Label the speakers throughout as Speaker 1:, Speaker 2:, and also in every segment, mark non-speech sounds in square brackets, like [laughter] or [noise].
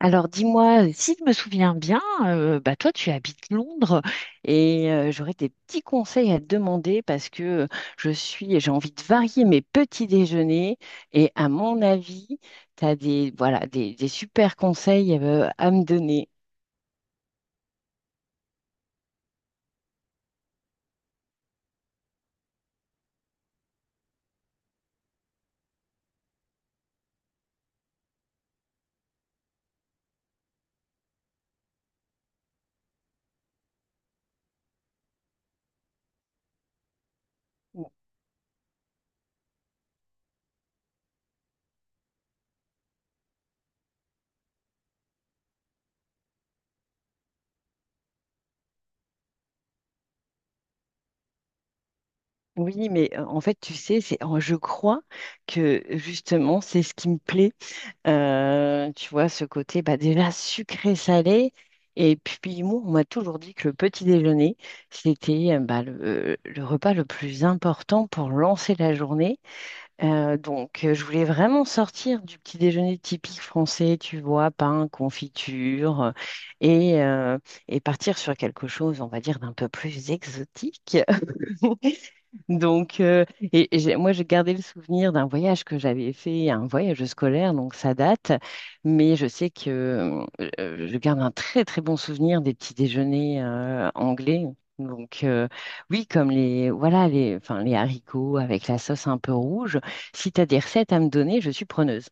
Speaker 1: Alors dis-moi, si je me souviens bien, bah toi tu habites Londres et j'aurais des petits conseils à te demander parce que j'ai envie de varier mes petits déjeuners et à mon avis, tu as des, voilà, des super conseils à me donner. Oui, mais en fait, tu sais, c'est, je crois que justement, c'est ce qui me plaît. Tu vois, ce côté bah, déjà sucré-salé. Et puis, moi, on m'a toujours dit que le petit déjeuner, c'était bah, le repas le plus important pour lancer la journée. Je voulais vraiment sortir du petit déjeuner typique français, tu vois, pain, confiture, et, euh, et partir sur quelque chose, on va dire, d'un peu plus exotique. [laughs] Moi, j'ai gardé le souvenir d'un voyage que j'avais fait, un voyage scolaire, donc ça date. Mais je sais que je garde un très, très bon souvenir des petits déjeuners anglais. Donc, euh, oui, comme voilà, enfin, les haricots avec la sauce un peu rouge. Si tu as des recettes à me donner, je suis preneuse.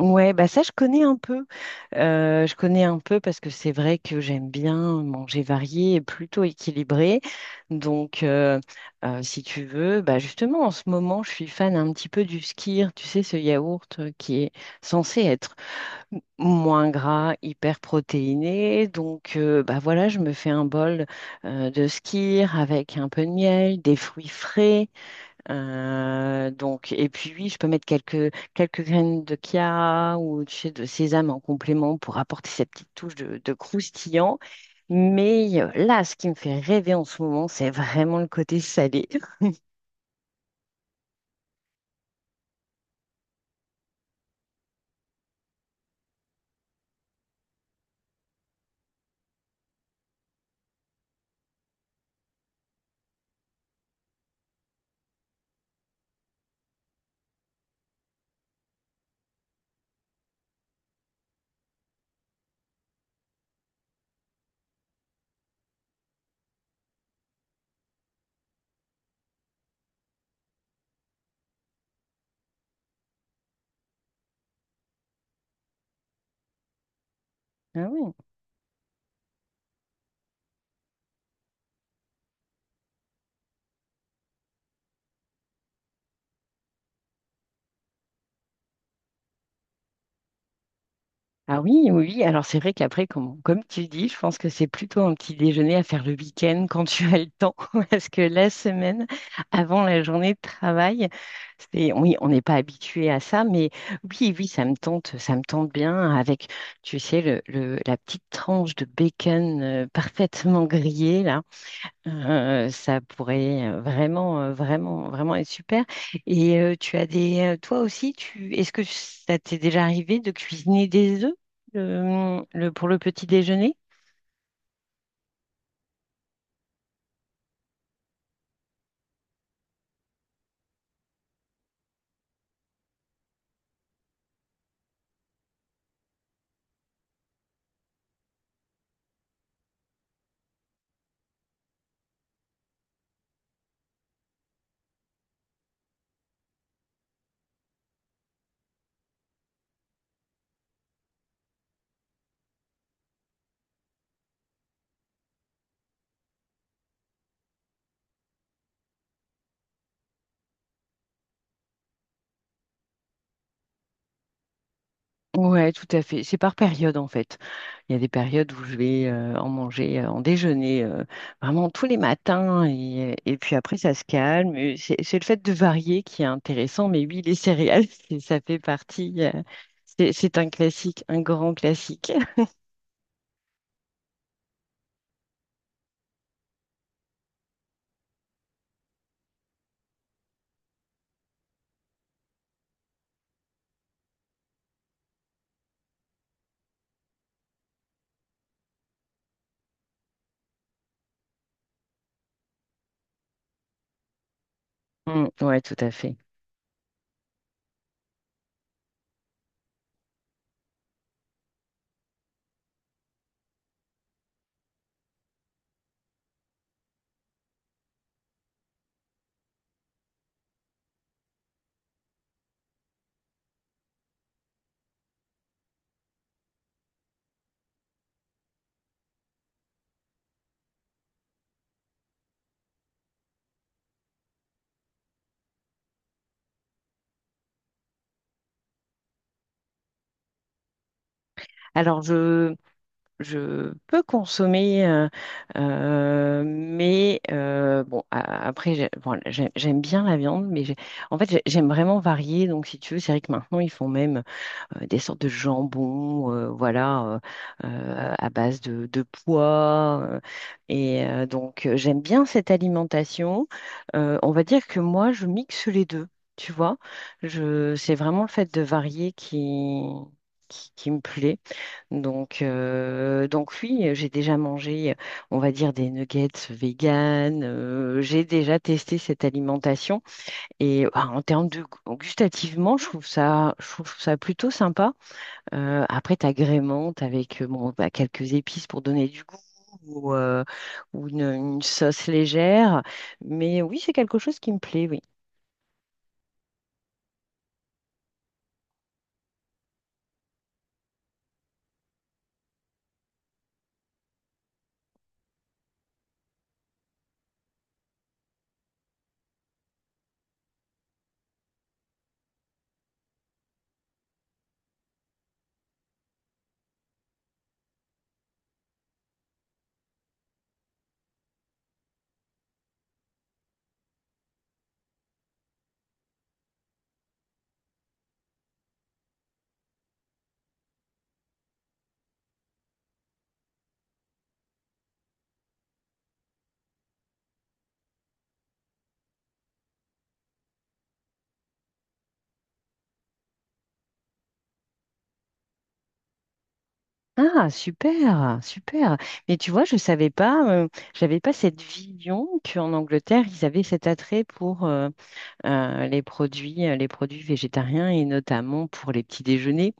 Speaker 1: Ouais, bah ça je connais un peu. Je connais un peu parce que c'est vrai que j'aime bien manger varié et plutôt équilibré. Donc, euh, Si tu veux, bah justement en ce moment je suis fan un petit peu du skyr. Tu sais ce yaourt qui est censé être moins gras, hyper protéiné. Bah voilà, je me fais un bol de skyr avec un peu de miel, des fruits frais. Et puis oui, je peux mettre quelques, quelques graines de chia ou tu sais, de sésame en complément pour apporter cette petite touche de croustillant. Mais là, ce qui me fait rêver en ce moment, c'est vraiment le côté salé. [laughs] Ah ouais. Ah oui, oui, oui. Alors c'est vrai qu'après, comme tu dis, je pense que c'est plutôt un petit déjeuner à faire le week-end quand tu as le temps, [laughs] parce que la semaine, avant la journée de travail, c'est, oui, on n'est pas habitué à ça, mais oui, oui, ça me tente bien avec, tu sais, la petite tranche de bacon parfaitement grillée, là. Ça pourrait vraiment être super. Et tu as des, toi aussi, est-ce que ça t'est déjà arrivé de cuisiner des œufs pour le petit déjeuner? Ouais, tout à fait. C'est par période en fait. Il y a des périodes où je vais en manger en déjeuner vraiment tous les matins et puis après ça se calme. Et c'est le fait de varier qui est intéressant, mais oui, les céréales, [laughs] ça fait partie. C'est un classique, un grand classique. Mm, ouais, tout à fait. Alors, je peux consommer, mais bon, a- après, j'ai- bon, j'ai- j'aime bien la viande, j'aime vraiment varier. Donc, si tu veux, c'est vrai que maintenant, ils font même. Des sortes de jambons, voilà, à base de pois. J'aime bien cette alimentation. On va dire que moi, je mixe les deux, tu vois. C'est vraiment le fait de varier qui me plaît. Donc oui, j'ai déjà mangé, on va dire, des nuggets vegan. J'ai déjà testé cette alimentation. Et ah, en termes de gustativement, je trouve ça plutôt sympa. Après, tu agrémentes avec bon, bah, quelques épices pour donner du goût ou, euh, ou une sauce légère. Mais oui, c'est quelque chose qui me plaît, oui. Ah, super, super. Mais tu vois, je savais pas, j'avais pas cette vision qu'en Angleterre, ils avaient cet attrait pour les produits végétariens et notamment pour les petits déjeuners.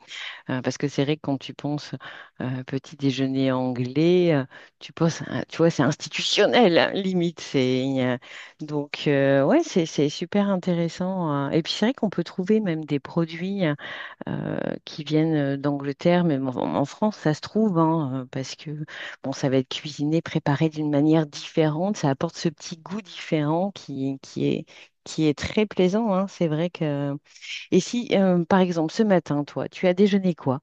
Speaker 1: Parce que c'est vrai que quand tu penses petit déjeuner anglais, tu penses, tu vois, c'est institutionnel, hein, limite. Ouais, c'est super intéressant, hein. Et puis, c'est vrai qu'on peut trouver même des produits euh, qui viennent d'Angleterre, même en, en France, ça se trouve, hein, parce que, bon, ça va être cuisiné, préparé d'une manière différente. Ça apporte ce petit goût différent qui est très plaisant, hein. C'est vrai que... Et si, par exemple, ce matin, toi, tu as déjeuné quoi?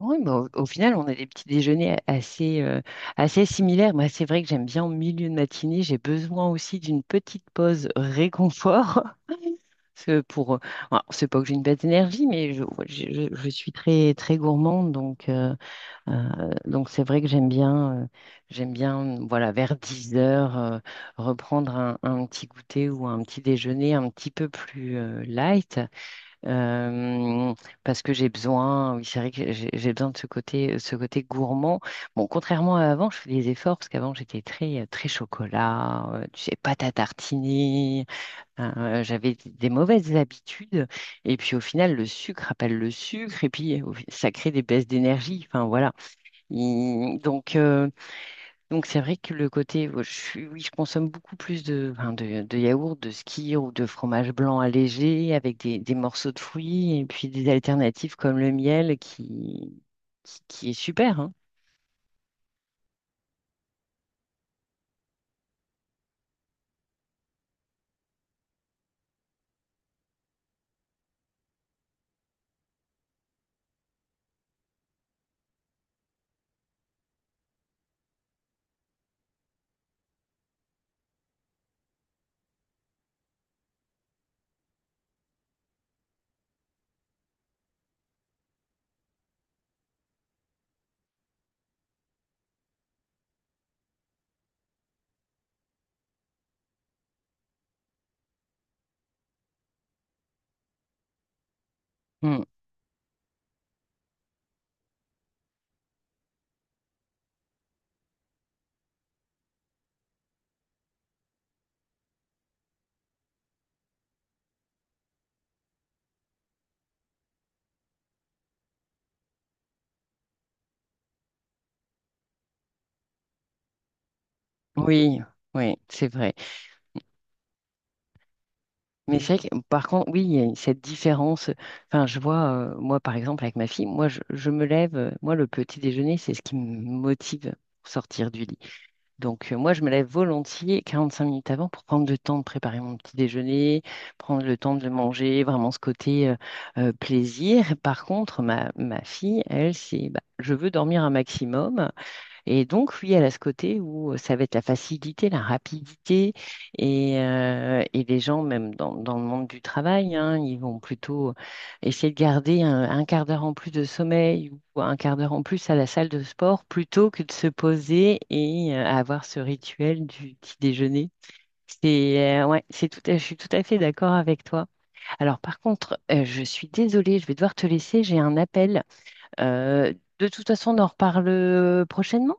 Speaker 1: Oui, mais au final, on a des petits déjeuners assez, assez similaires. Moi, c'est vrai que j'aime bien au milieu de matinée, j'ai besoin aussi d'une petite pause réconfort. [laughs] Parce que pour, alors, c'est pas que j'ai une baisse d'énergie, mais je, ouais, je suis très, très gourmande. Donc c'est vrai que j'aime bien, voilà, vers 10 heures, reprendre un petit goûter ou un petit déjeuner un petit peu plus, light, euh, parce que j'ai besoin, oui, c'est vrai que j'ai besoin de ce côté gourmand. Bon, contrairement à avant, je fais des efforts parce qu'avant j'étais très, très chocolat, tu sais, pâte à tartiner, j'avais des mauvaises habitudes. Et puis au final, le sucre appelle le sucre et puis ça crée des baisses d'énergie. Enfin voilà. Il- donc, euh, donc c'est vrai que le côté, oh, oui, je consomme beaucoup plus de, enfin, de yaourt, de skyr ou de fromage blanc allégé avec des morceaux de fruits et puis des alternatives comme le miel qui est super, hein. Mm. Oui, oui, c'est vrai. Mais c'est vrai que par contre, oui, il y a cette différence. Enfin, je vois, moi par exemple avec ma fille, je me lève, moi le petit déjeuner, c'est ce qui me motive pour sortir du lit. Moi, je me lève volontiers 45 minutes avant pour prendre le temps de préparer mon petit déjeuner, prendre le temps de le manger, vraiment ce côté plaisir. Par contre, ma fille, elle, c'est bah, je veux dormir un maximum. Et donc, oui, elle a ce côté où ça va être la facilité, la rapidité, et les gens, même dans, dans le monde du travail, hein, ils vont plutôt essayer de garder un quart d'heure en plus de sommeil ou un quart d'heure en plus à la salle de sport plutôt que de se poser et avoir ce rituel du petit déjeuner. Ouais, je suis tout à fait d'accord avec toi. Alors, par contre, je suis désolée, je vais devoir te laisser, j'ai un appel. Euh, de toute façon, on en reparle prochainement.